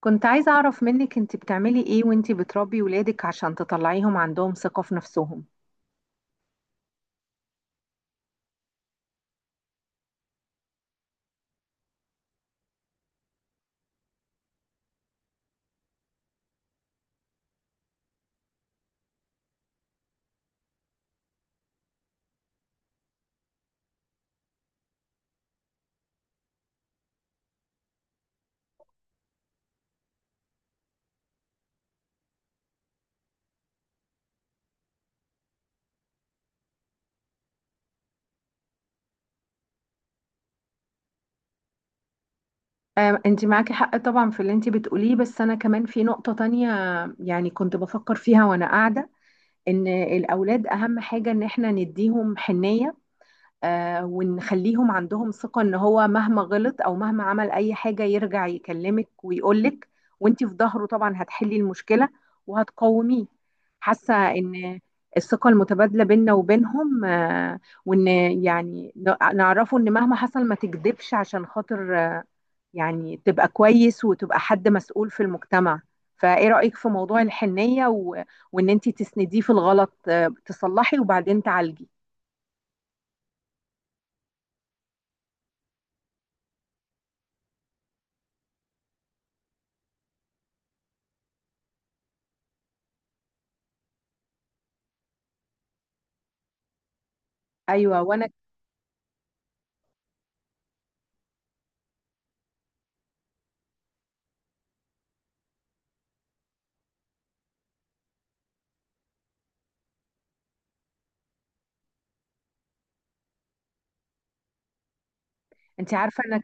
كنت عايزة أعرف منك أنت بتعملي إيه وأنت بتربي ولادك عشان تطلعيهم عندهم ثقة في نفسهم. أنت معاكي حق طبعا في اللي أنت بتقوليه، بس أنا كمان في نقطة تانية، يعني كنت بفكر فيها وأنا قاعدة. إن الأولاد أهم حاجة إن إحنا نديهم حنية، ونخليهم عندهم ثقة ان هو مهما غلط او مهما عمل اي حاجة يرجع يكلمك ويقولك، وانتي في ظهره طبعا هتحلي المشكلة وهتقوميه. حاسة ان الثقة المتبادلة بيننا وبينهم، وان يعني نعرفه ان مهما حصل ما تكذبش، عشان خاطر يعني تبقى كويس وتبقى حد مسؤول في المجتمع. فايه رأيك في موضوع الحنية وان انتي تسنديه في الغلط، تصلحي وبعدين تعالجي؟ ايوه، وانا، انت عارفه انا،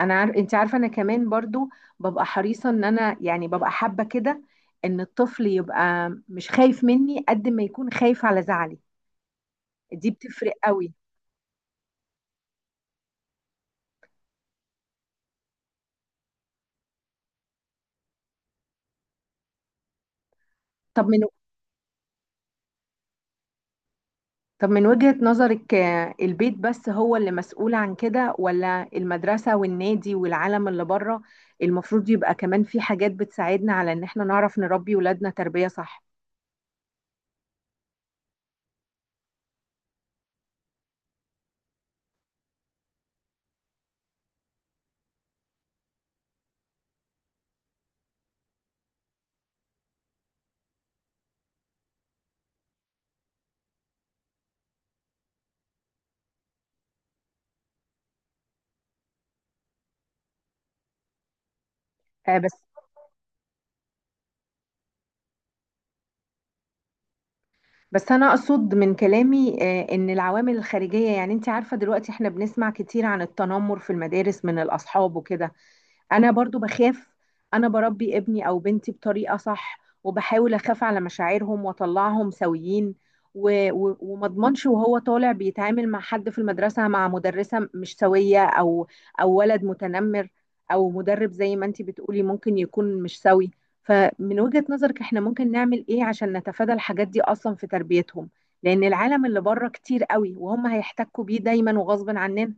انا عارف انت عارفه انا كمان برضو ببقى حريصه ان انا، يعني ببقى حابه كده ان الطفل يبقى مش خايف مني قد ما يكون خايف على زعلي. دي بتفرق قوي. طب من طب من وجهة نظرك البيت بس هو اللي مسؤول عن كده، ولا المدرسة والنادي والعالم اللي بره المفروض يبقى كمان في حاجات بتساعدنا على ان احنا نعرف نربي ولادنا تربية صح؟ آه، بس بس انا اقصد من كلامي ان العوامل الخارجيه، يعني انت عارفه دلوقتي احنا بنسمع كتير عن التنمر في المدارس من الاصحاب وكده. انا برضو بخاف، انا بربي ابني او بنتي بطريقة صح وبحاول اخاف على مشاعرهم واطلعهم سويين، و- و- وما اضمنش وهو طالع بيتعامل مع حد في المدرسة، مع مدرسة مش سوية او ولد متنمر، او مدرب زي ما انتي بتقولي ممكن يكون مش سوي. فمن وجهة نظرك احنا ممكن نعمل ايه عشان نتفادى الحاجات دي اصلا في تربيتهم؟ لان العالم اللي بره كتير قوي وهم هيحتكوا بيه دايما وغصب عننا.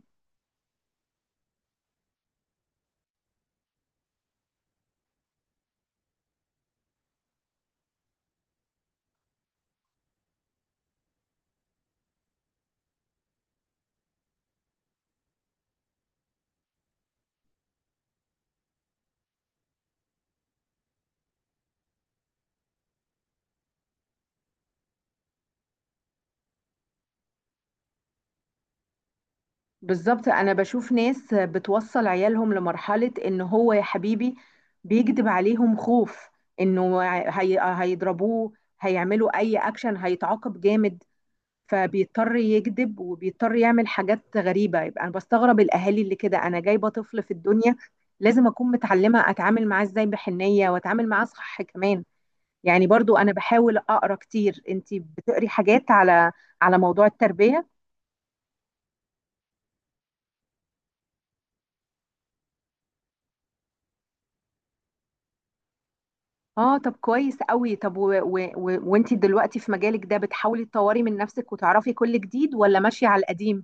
بالظبط، انا بشوف ناس بتوصل عيالهم لمرحلة ان هو، يا حبيبي، بيكذب عليهم خوف انه هيضربوه، هيعملوا اي اكشن، هيتعاقب جامد، فبيضطر يكذب وبيضطر يعمل حاجات غريبة. يبقى انا بستغرب الاهالي اللي كده. انا جايبة طفل في الدنيا، لازم اكون متعلمة اتعامل معاه ازاي بحنية واتعامل معاه صح كمان. يعني برضو انا بحاول اقرا كتير، انتي بتقري حاجات على على موضوع التربية؟ اه طب كويس قوي. طب و... و... و... وانتي دلوقتي في مجالك ده بتحاولي تطوري من نفسك وتعرفي كل جديد ولا ماشية على القديم؟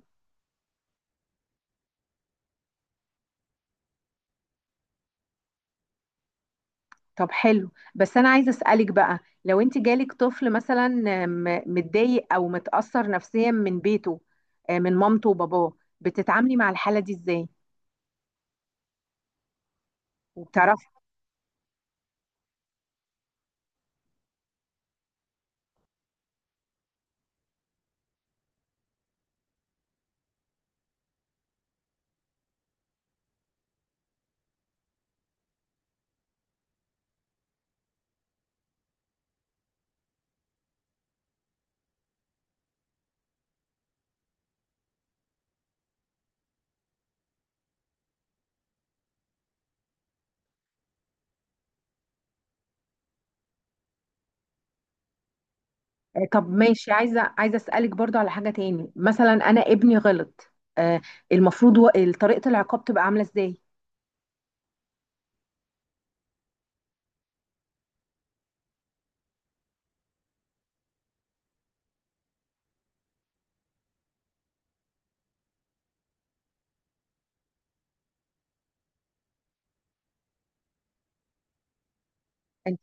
طب حلو. بس انا عايزة اسألك بقى، لو انتي جالك طفل مثلا متضايق او متأثر نفسيا من بيته، من مامته وباباه، بتتعاملي مع الحالة دي ازاي؟ وبتعرفي؟ طب ماشي، عايزة اسألك برضو على حاجة تاني. مثلا انا ابني غلط، آه، المفروض طريقة العقاب تبقى عاملة ازاي؟ أنت-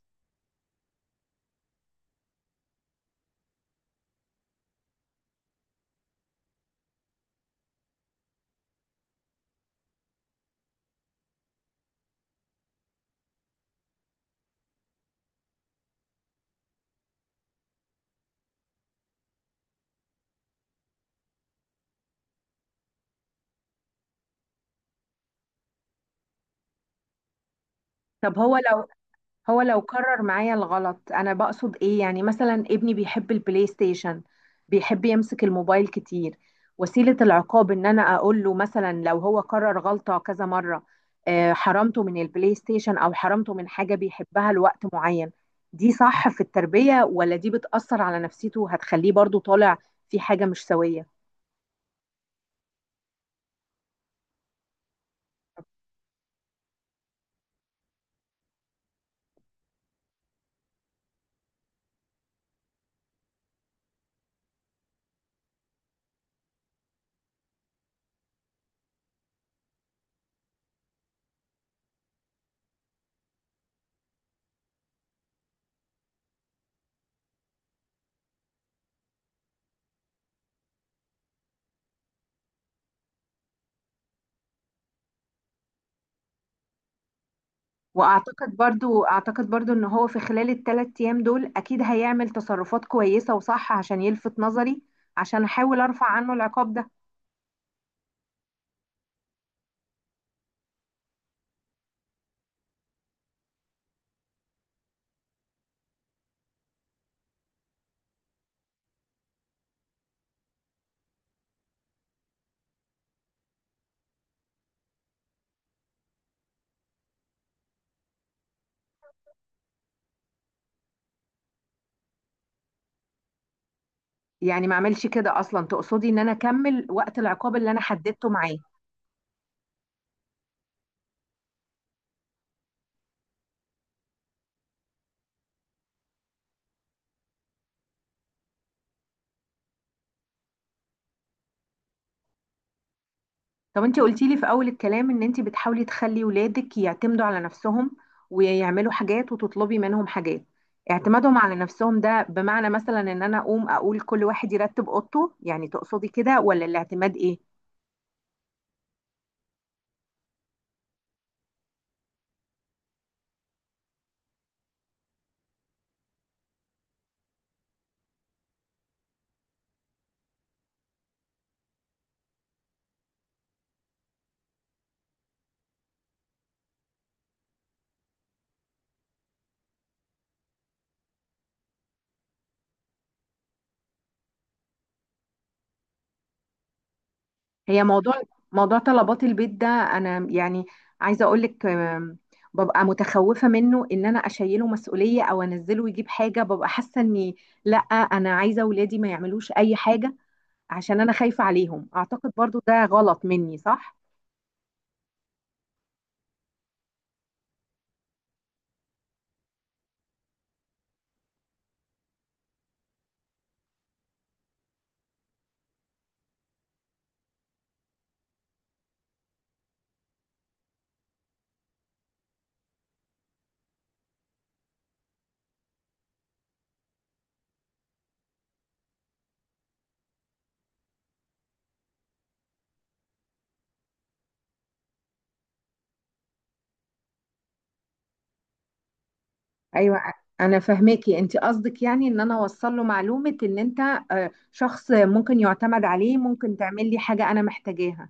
طب هو لو هو لو كرر معايا الغلط، انا بقصد ايه يعني، مثلا ابني بيحب البلاي ستيشن، بيحب يمسك الموبايل كتير، وسيلة العقاب ان انا اقول له مثلا لو هو كرر غلطة كذا مرة، حرمته من البلاي ستيشن او حرمته من حاجة بيحبها لوقت معين، دي صح في التربية ولا دي بتأثر على نفسيته وهتخليه برضو طالع في حاجة مش سوية؟ واعتقد برضو اعتقد برضو ان هو في خلال الثلاث ايام دول اكيد هيعمل تصرفات كويسة وصح عشان يلفت نظري، عشان احاول ارفع عنه العقاب ده. يعني ما اعملش كده اصلا؟ تقصدي ان انا اكمل وقت العقاب اللي انا حددته معاه؟ طب انت قلتي لي في اول الكلام ان انت بتحاولي تخلي ولادك يعتمدوا على نفسهم، ويعملوا حاجات وتطلبي منهم حاجات. اعتمادهم على نفسهم ده بمعنى مثلا ان انا اقوم اقول كل واحد يرتب اوضته، يعني تقصدي كده ولا الاعتماد ايه؟ هي موضوع موضوع طلبات البيت ده، انا يعني عايزه اقول لك، ببقى متخوفه منه ان انا اشيله مسؤوليه او انزله يجيب حاجه، ببقى حاسه اني لا، انا عايزه اولادي ما يعملوش اي حاجه عشان انا خايفه عليهم. اعتقد برضو ده غلط مني، صح؟ ايوه، انا فهماكي، انت قصدك يعني ان انا اوصل له معلومه ان انت شخص ممكن يعتمد عليه، ممكن تعمل لي حاجه انا محتاجاها.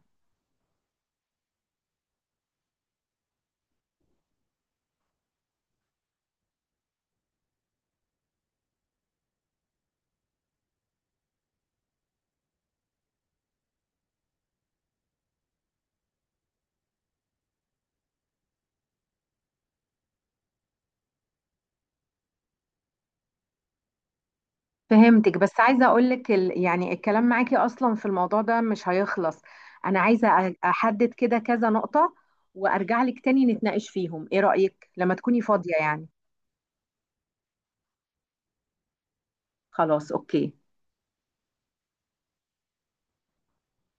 فهمتك، بس عايزة أقولك يعني الكلام معاكي أصلا في الموضوع ده مش هيخلص. أنا عايزة أحدد كده كذا نقطة وأرجع لك تاني نتناقش فيهم، إيه رأيك لما تكوني فاضية يعني؟ خلاص، أوكي.